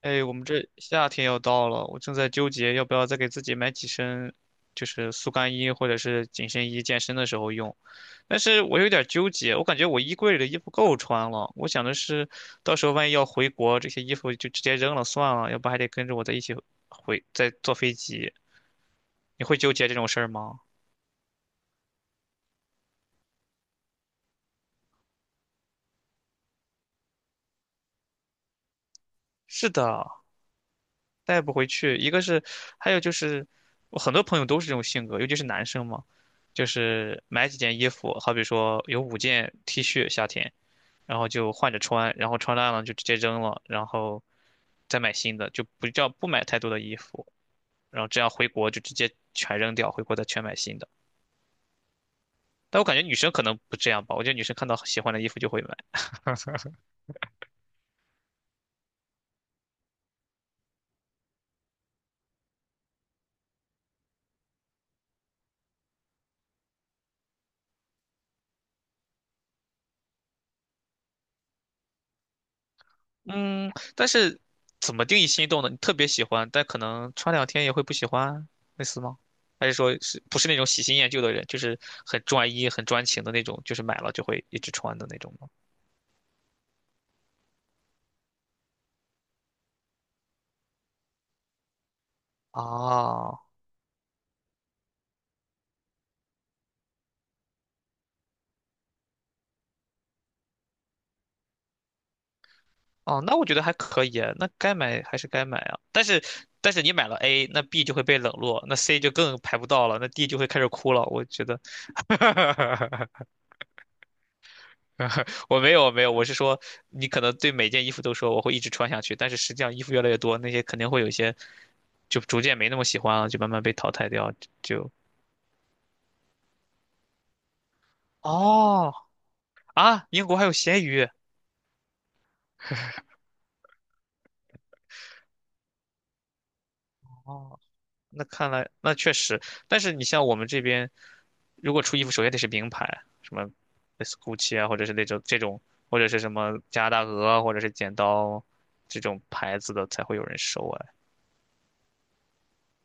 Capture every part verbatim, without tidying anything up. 哎，我们这夏天要到了，我正在纠结要不要再给自己买几身，就是速干衣或者是紧身衣，健身的时候用。但是我有点纠结，我感觉我衣柜里的衣服够穿了。我想的是，到时候万一要回国，这些衣服就直接扔了算了，要不还得跟着我在一起回，再坐飞机。你会纠结这种事儿吗？是的，带不回去。一个是，还有就是，我很多朋友都是这种性格，尤其是男生嘛，就是买几件衣服，好比说有五件 T 恤夏天，然后就换着穿，然后穿烂了就直接扔了，然后再买新的，就不叫不买太多的衣服，然后这样回国就直接全扔掉，回国再全买新的。但我感觉女生可能不这样吧，我觉得女生看到喜欢的衣服就会买。嗯，但是怎么定义心动呢？你特别喜欢，但可能穿两天也会不喜欢，类似吗？还是说是不是那种喜新厌旧的人，就是很专一、很专情的那种，就是买了就会一直穿的那种吗？哦哦，那我觉得还可以，那该买还是该买啊。但是但是你买了 A，那 B 就会被冷落，那 C 就更排不到了，那 D 就会开始哭了。我觉得，我没有没有，我是说你可能对每件衣服都说我会一直穿下去，但是实际上衣服越来越多，那些肯定会有一些就逐渐没那么喜欢了，就慢慢被淘汰掉。就哦啊，英国还有咸鱼哦，那看来那确实，但是你像我们这边，如果出衣服，首先得是名牌，什么类似 GUCCI 啊，或者是那种这种，或者是什么加拿大鹅啊，或者是剪刀这种牌子的才会有人收啊。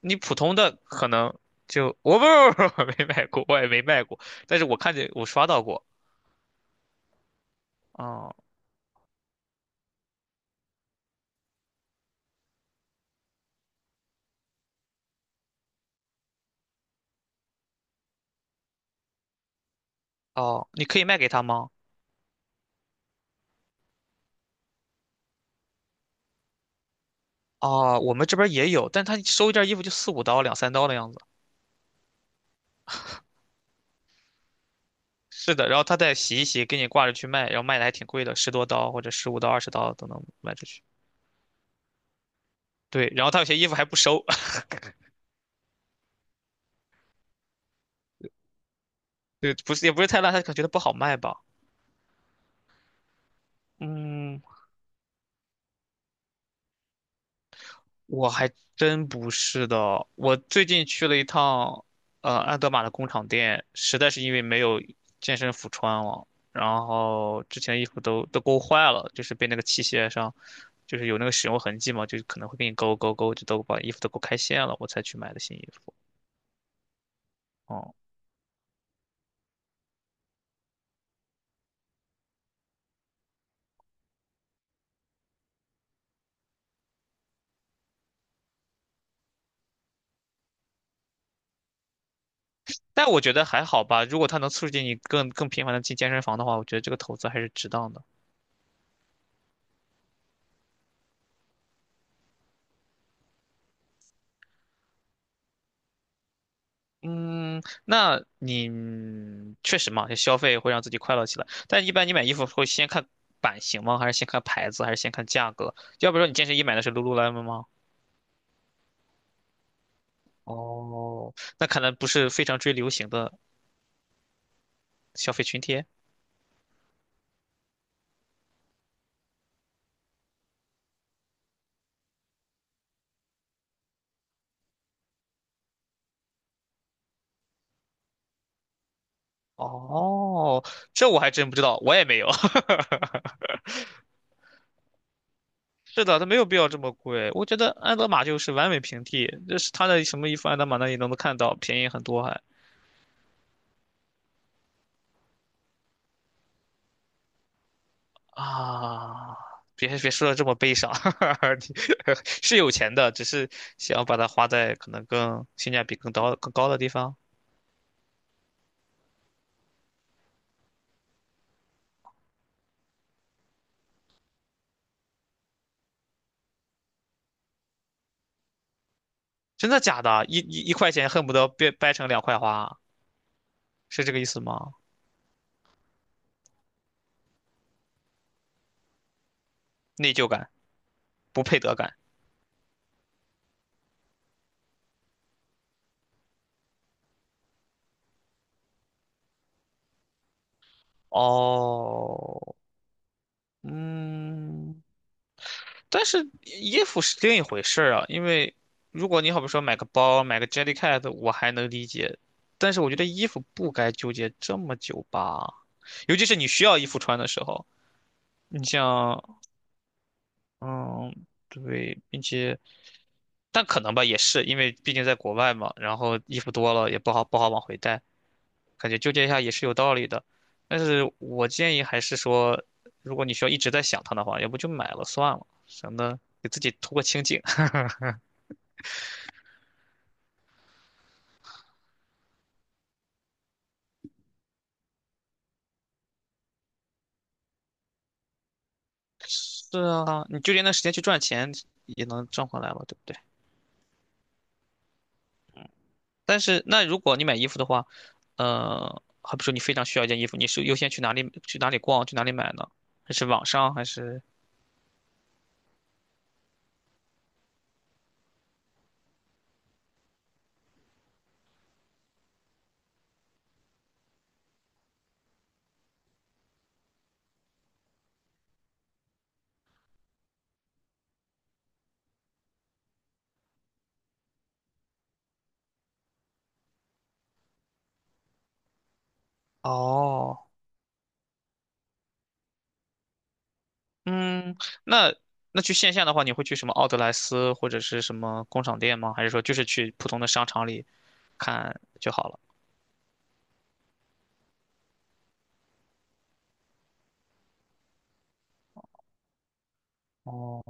你普通的可能就我不不不 没买过，我也没卖过，但是我看见我刷到过。哦哦，你可以卖给他吗？哦，我们这边也有，但他收一件衣服就四五刀、两三刀的样子。是的，然后他再洗一洗，给你挂着去卖，然后卖的还挺贵的，十多刀或者十五刀、二十刀都能卖出去。对，然后他有些衣服还不收，对，不是也不是太烂，他可能觉得不好卖吧。嗯。我还真不是的，我最近去了一趟，呃，安德玛的工厂店，实在是因为没有健身服穿了，然后之前的衣服都都勾坏了，就是被那个器械上，就是有那个使用痕迹嘛，就可能会给你勾勾勾，就都把衣服都勾开线了，我才去买的新衣服。哦、但我觉得还好吧，如果它能促进你更更频繁的进健身房的话，我觉得这个投资还是值当的。嗯，那你嗯确实嘛，就消费会让自己快乐起来。但一般你买衣服会先看版型吗？还是先看牌子？还是先看价格？要不说你健身衣买的是 Lululemon 吗？哦，那可能不是非常追流行的消费群体。哦，这我还真不知道，我也没有。是的，它没有必要这么贵。我觉得安德玛就是完美平替，就是它的什么衣服，安德玛那里都能看到，便宜很多还。啊，别别说的这么悲伤，你是有钱的，只是想要把它花在可能更性价比更高更高的地方。真的假的啊？一一一块钱恨不得掰掰成两块花啊，是这个意思吗？内疚感、不配得感。哦，嗯，但是衣服是另一回事儿啊，因为如果你好比说买个包、买个 Jellycat，我还能理解，但是我觉得衣服不该纠结这么久吧，尤其是你需要衣服穿的时候，你像，嗯，对，并且，但可能吧，也是因为毕竟在国外嘛，然后衣服多了也不好不好往回带，感觉纠结一下也是有道理的，但是我建议还是说，如果你需要一直在想它的话，要不就买了算了，省得给自己图个清静。是啊，你就连那时间去赚钱也能挣回来嘛，对不对？但是那如果你买衣服的话，呃，好比说你非常需要一件衣服，你是优先去哪里去哪里逛，去哪里买呢？还是网上？还是哦，嗯，那那去线下的话，你会去什么奥特莱斯或者是什么工厂店吗？还是说就是去普通的商场里看就好了？哦，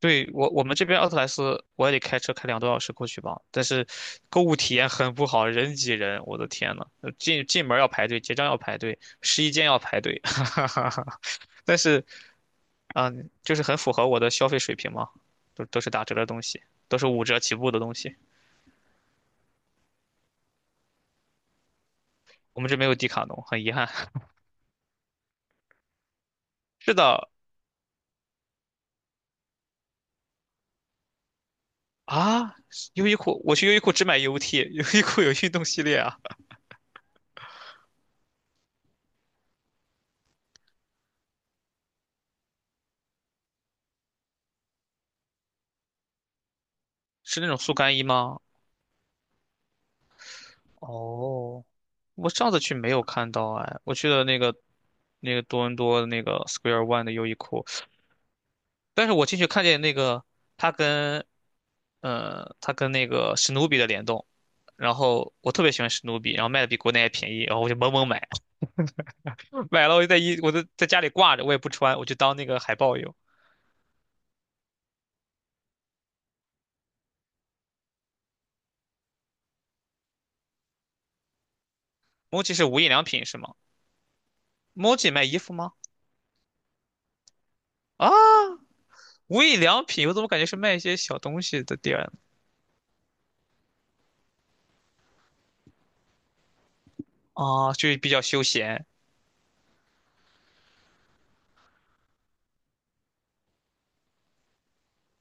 对，我我们这边奥特莱斯，我也得开车开两个多小时过去吧。但是购物体验很不好，人挤人，我的天呐，呃进进门要排队，结账要排队，试衣间要排队，哈哈哈但是嗯，就是很符合我的消费水平嘛，都都是打折的东西，都是五折起步的东西。我们这没有迪卡侬，很遗憾。是的啊，优衣库，我去优衣库只买 U T，优衣库有运动系列啊，是那种速干衣吗？哦，我上次去没有看到哎，我去了那个那个多伦多的那个 Square One 的优衣库，但是我进去看见那个它跟呃它跟那个史努比的联动，然后我特别喜欢史努比，然后卖的比国内还便宜，然后我就猛猛买，买了我就在衣我就在家里挂着，我也不穿，我就当那个海报用。m o c i 是无印良品是吗 m o c i 卖衣服吗？啊，无印良品，我怎么感觉是卖一些小东西的店呢啊，就是比较休闲。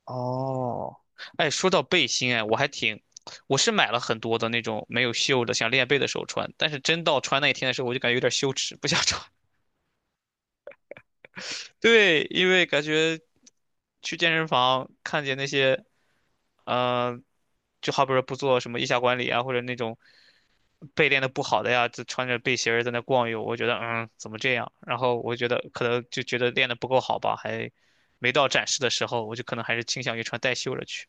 哦，哎，说到背心，哎，我还挺，我是买了很多的那种没有袖的，想练背的时候穿，但是真到穿那一天的时候，我就感觉有点羞耻，不想穿。对，因为感觉去健身房看见那些，嗯，就好比说不做什么腋下管理啊，或者那种背练的不好的呀，就穿着背心儿在那逛悠，我觉得嗯，怎么这样？然后我觉得可能就觉得练的不够好吧，还没到展示的时候，我就可能还是倾向于穿带袖的去。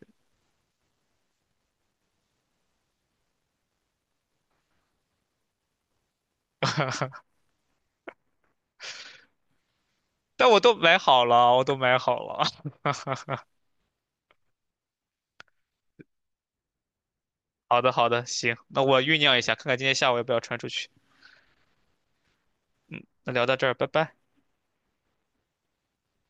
但我都买好了，我都买好了。好的，好的，行，那我酝酿一下，看看今天下午要不要传出去。那聊到这儿，拜拜。